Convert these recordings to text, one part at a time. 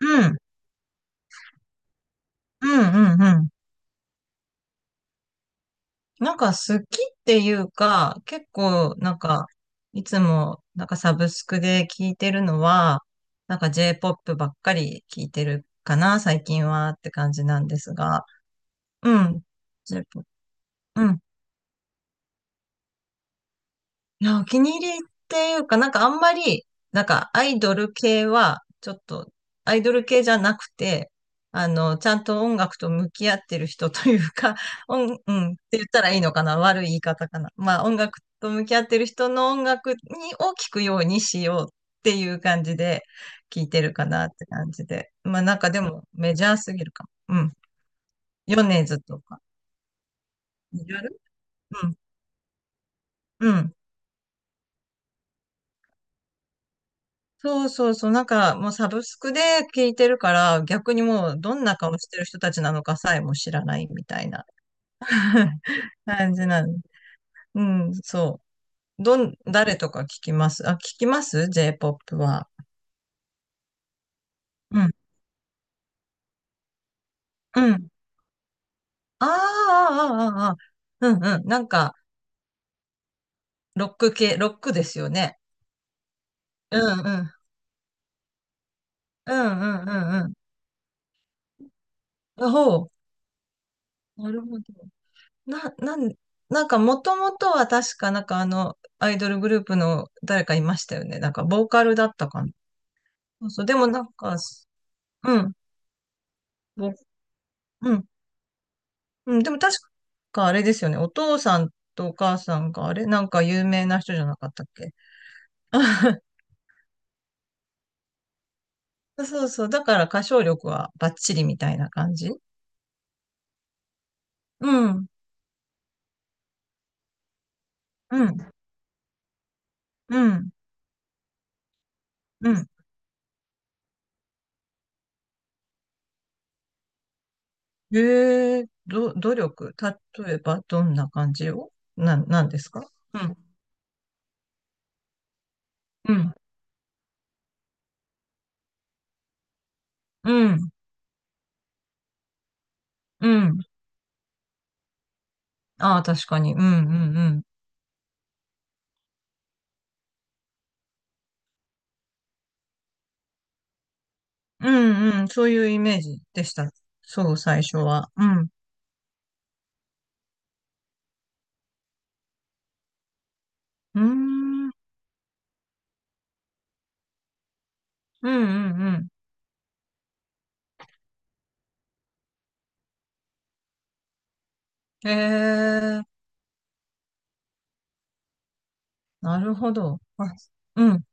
うん、うん、うん、うん。なんか好きっていうか、結構なんか、いつもなんかサブスクで聞いてるのは、なんか J-POP ばっかり聞いてるかな、最近はって感じなんですが。うん。J-POP。いや、お気に入りっていうか、なんかあんまり、なんかアイドル系は、ちょっと、アイドル系じゃなくて、あの、ちゃんと音楽と向き合ってる人というか、うん、って言ったらいいのかな悪い言い方かな。まあ、音楽と向き合ってる人の音楽にを聞くようにしようっていう感じで聞いてるかなって感じで。まあ、なんかでもメジャーすぎるかも。うん。ヨネズとか。メジャー。うん。うん。そうそうそう、なんかもうサブスクで聞いてるから、逆にもうどんな顔してる人たちなのかさえも知らないみたいな 感じなの。うん、そう。誰とか聞きます？ J-POP は。うん、うん。ああ、ああ、ああ。うん、うん。なんか、ロック系、ロックですよね。うん、うん、うん、うん、うん、うん。ほう。なるほど。な、なん、なんかもともとは確かなんかあの、アイドルグループの誰かいましたよね。なんかボーカルだったかな。そうそう、でもなんか、うん、ぼうん、うん、でも確かあれですよね。お父さんとお母さんがあれなんか有名な人じゃなかったっけ？ そうそう、だから歌唱力はバッチリみたいな感じ。うん、うん、うん、うん。え努力例えばどんな感じをなんですか？うん、うん、うん。うん。ああ、確かに。うんうんうん。うんうん。そういうイメージでした。そう、最初は。うん。うーん。うんうんうん。へえ、なるほど。あ、うん。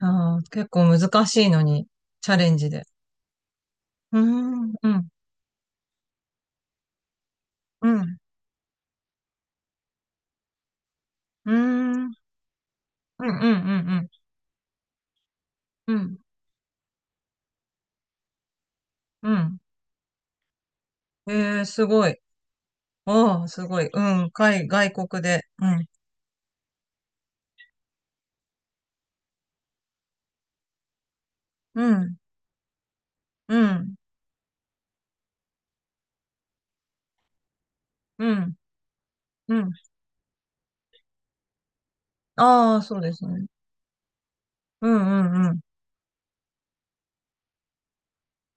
あー結構難しいのに、チャレンジで。うーん、うん、うん、うーん、うん、うん、うん、うん、うん。うん。えー、すごい。ああ、すごい。うん、外国で。うん、うん、うん、うん、うん。ああ、そうですね。うんうん。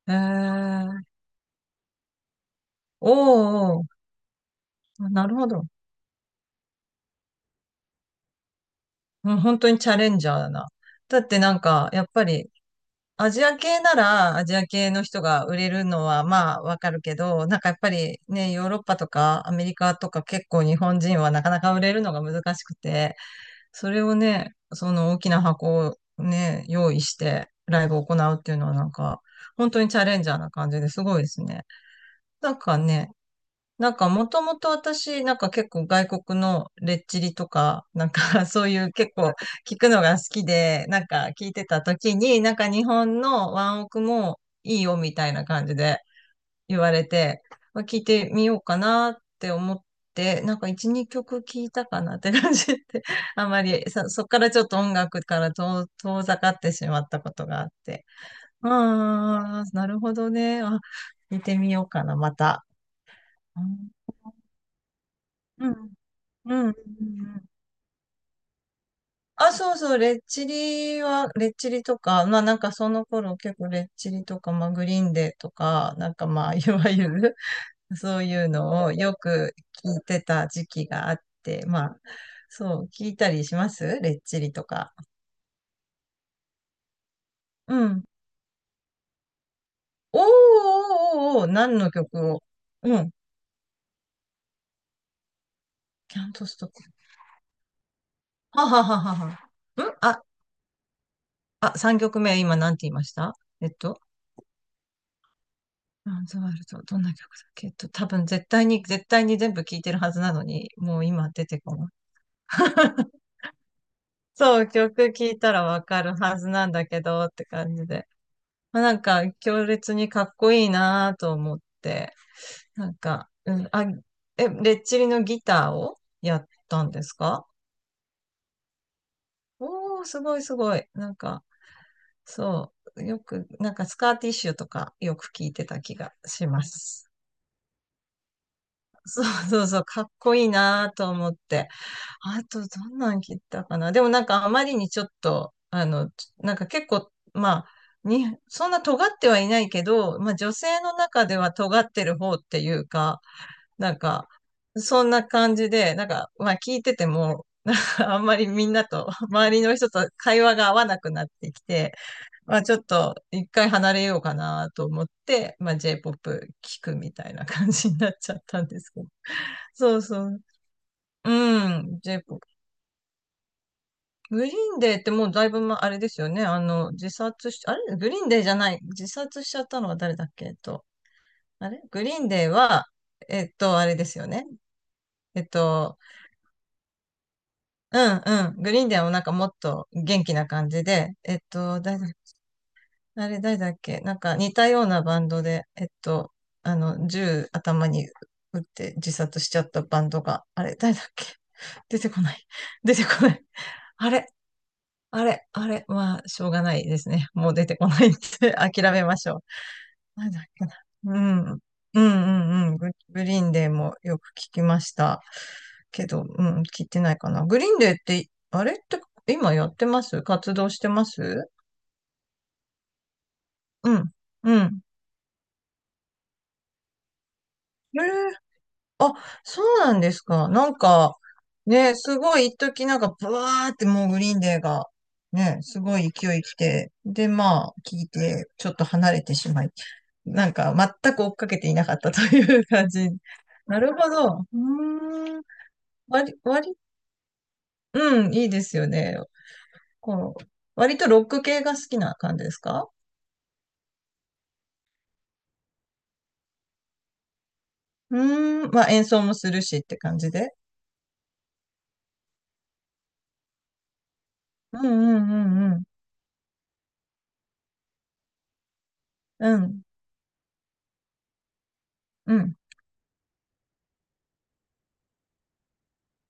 えー、おーおー。あ、なるほど。うん。本当にチャレンジャーだな。だってなんか、やっぱり、アジア系ならアジア系の人が売れるのはまあわかるけど、なんかやっぱりね、ヨーロッパとかアメリカとか結構日本人はなかなか売れるのが難しくて、それをね、その大きな箱をね、用意してライブを行うっていうのはなんか、本当にチャレンジャーな感じですごいですね。なんかね、なんかもともと私、なんか結構外国のレッチリとか、なんか そういう結構聞くのが好きで、なんか聞いてた時に、なんか日本のワンオクもいいよみたいな感じで言われて、まあ聞いてみようかなって思って、なんか1、2曲聞いたかなって感じで、あまりそっからちょっと音楽から遠ざかってしまったことがあって。ああ、なるほどね。あ、聞いてみようかな、また。うんうんうんうんうん。あ、そうそう、レッチリは、レッチリとか、まあなんかその頃結構レッチリとか、まあグリーンデーとか、なんかまあいわゆる そういうのをよく聞いてた時期があって、まあそう、聞いたりしますレッチリとか。うん。おーおーおーおー、何の曲を？うん。キャントストップ。ははははは。んあ、あ、3曲目今何て言いました？えっと。ランズワルトどんな曲だっけ？多分絶対に、絶対に全部聴いてるはずなのに、もう今出てこない。そう、曲聴いたらわかるはずなんだけど、って感じで。まあ、なんか、強烈にかっこいいなと思って、なんか、うん、あ、え、レッチリのギターをやったんですか？おー、すごいすごい。なんか、そう、よく、なんかスカーティッシュとかよく聴いてた気がします。そう そうそう、かっこいいなと思って。あと、どんなん切ったかな。でもなんかあまりにちょっと、あの、なんか結構、まあ、そんな尖ってはいないけど、まあ女性の中では尖ってる方っていうか、なんか、そんな感じで、なんか、まあ聞いてても、あんまりみんなと、周りの人と会話が合わなくなってきて、まあちょっと一回離れようかなと思って、まあ J-POP 聞くみたいな感じになっちゃったんですけど。そうそう。うん、j p o グリーンデーってもうだいぶ、ま、あれですよね。あの、自殺し、あれグリーンデーじゃない。自殺しちゃったのは誰だっけ？あれグリーンデーは、あれですよね。えっと、うんうん。グリーンデーはなんかもっと元気な感じで、誰だ、あれ誰だっけ？なんか似たようなバンドで、あの、銃頭に撃って自殺しちゃったバンドが、あれ誰だっけ？ 出てこない。出てこない。あれ、あれ、あれ、まあ、しょうがないですね。もう出てこないって 諦めましょう。なんだっけな。うん。うんうんうん。グリーンデーもよく聞きました。けど、うん、聞いてないかな。グリーンデーって、あれって今やってます？活動してます？うん。うん。えー。あ、そうなんですか。なんか、ね、すごい一時なんか、ブワーってもうグリーンデーが、ね、すごい勢い来て、で、まあ、聞いて、ちょっと離れてしまい、なんか、全く追っかけていなかったという感じ。なるほど。うーん。割、割、うん、いいですよね。こう、割とロック系が好きな感じですか？うーん。まあ、演奏もするしって感じで。うん、うん、うん、うん。うん、うん。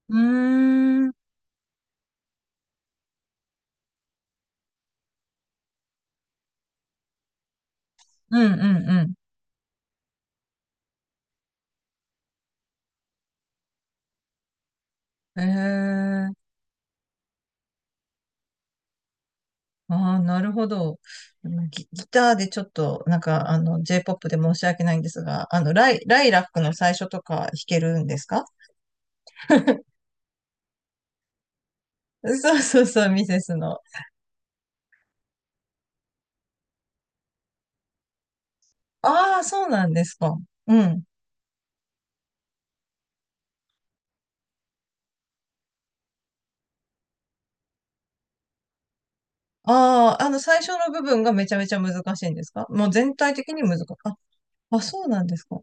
うーん、うん、うん、うん。ええ。ああ、なるほど。ギターでちょっと、なんか、あの、J-POP で申し訳ないんですが、あの、ライラックの最初とか弾けるんですか？ そうそうそう、ミセスの。ああ、そうなんですか。うん。ああ、あの、最初の部分がめちゃめちゃ難しいんですか？もう全体的に難しい？あ、あ、そうなんですか。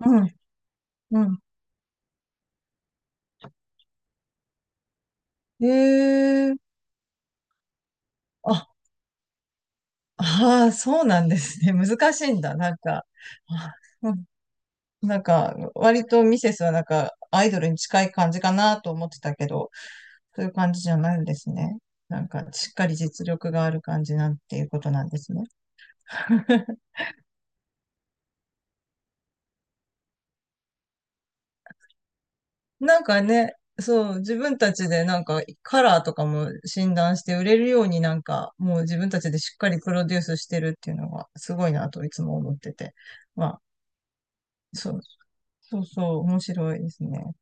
うん、うん。ええ。あ、ああ、そうなんですね。難しいんだ。なんか。あ、なんか、割とミセスはなんか、アイドルに近い感じかなと思ってたけど、そういう感じじゃないんですね。なんか、しっかり実力がある感じなんていうことなんですね。なんかね、そう、自分たちでなんか、カラーとかも診断して売れるようになんか、もう自分たちでしっかりプロデュースしてるっていうのがすごいなといつも思ってて。まあ、そう、そうそう、面白いですね。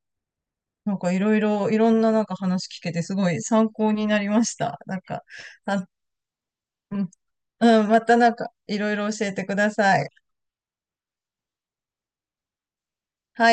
なんかいろいろ、いろんななんか話聞けてすごい参考になりました。なんか、あ、うん、またなんかいろいろ教えてください。はい。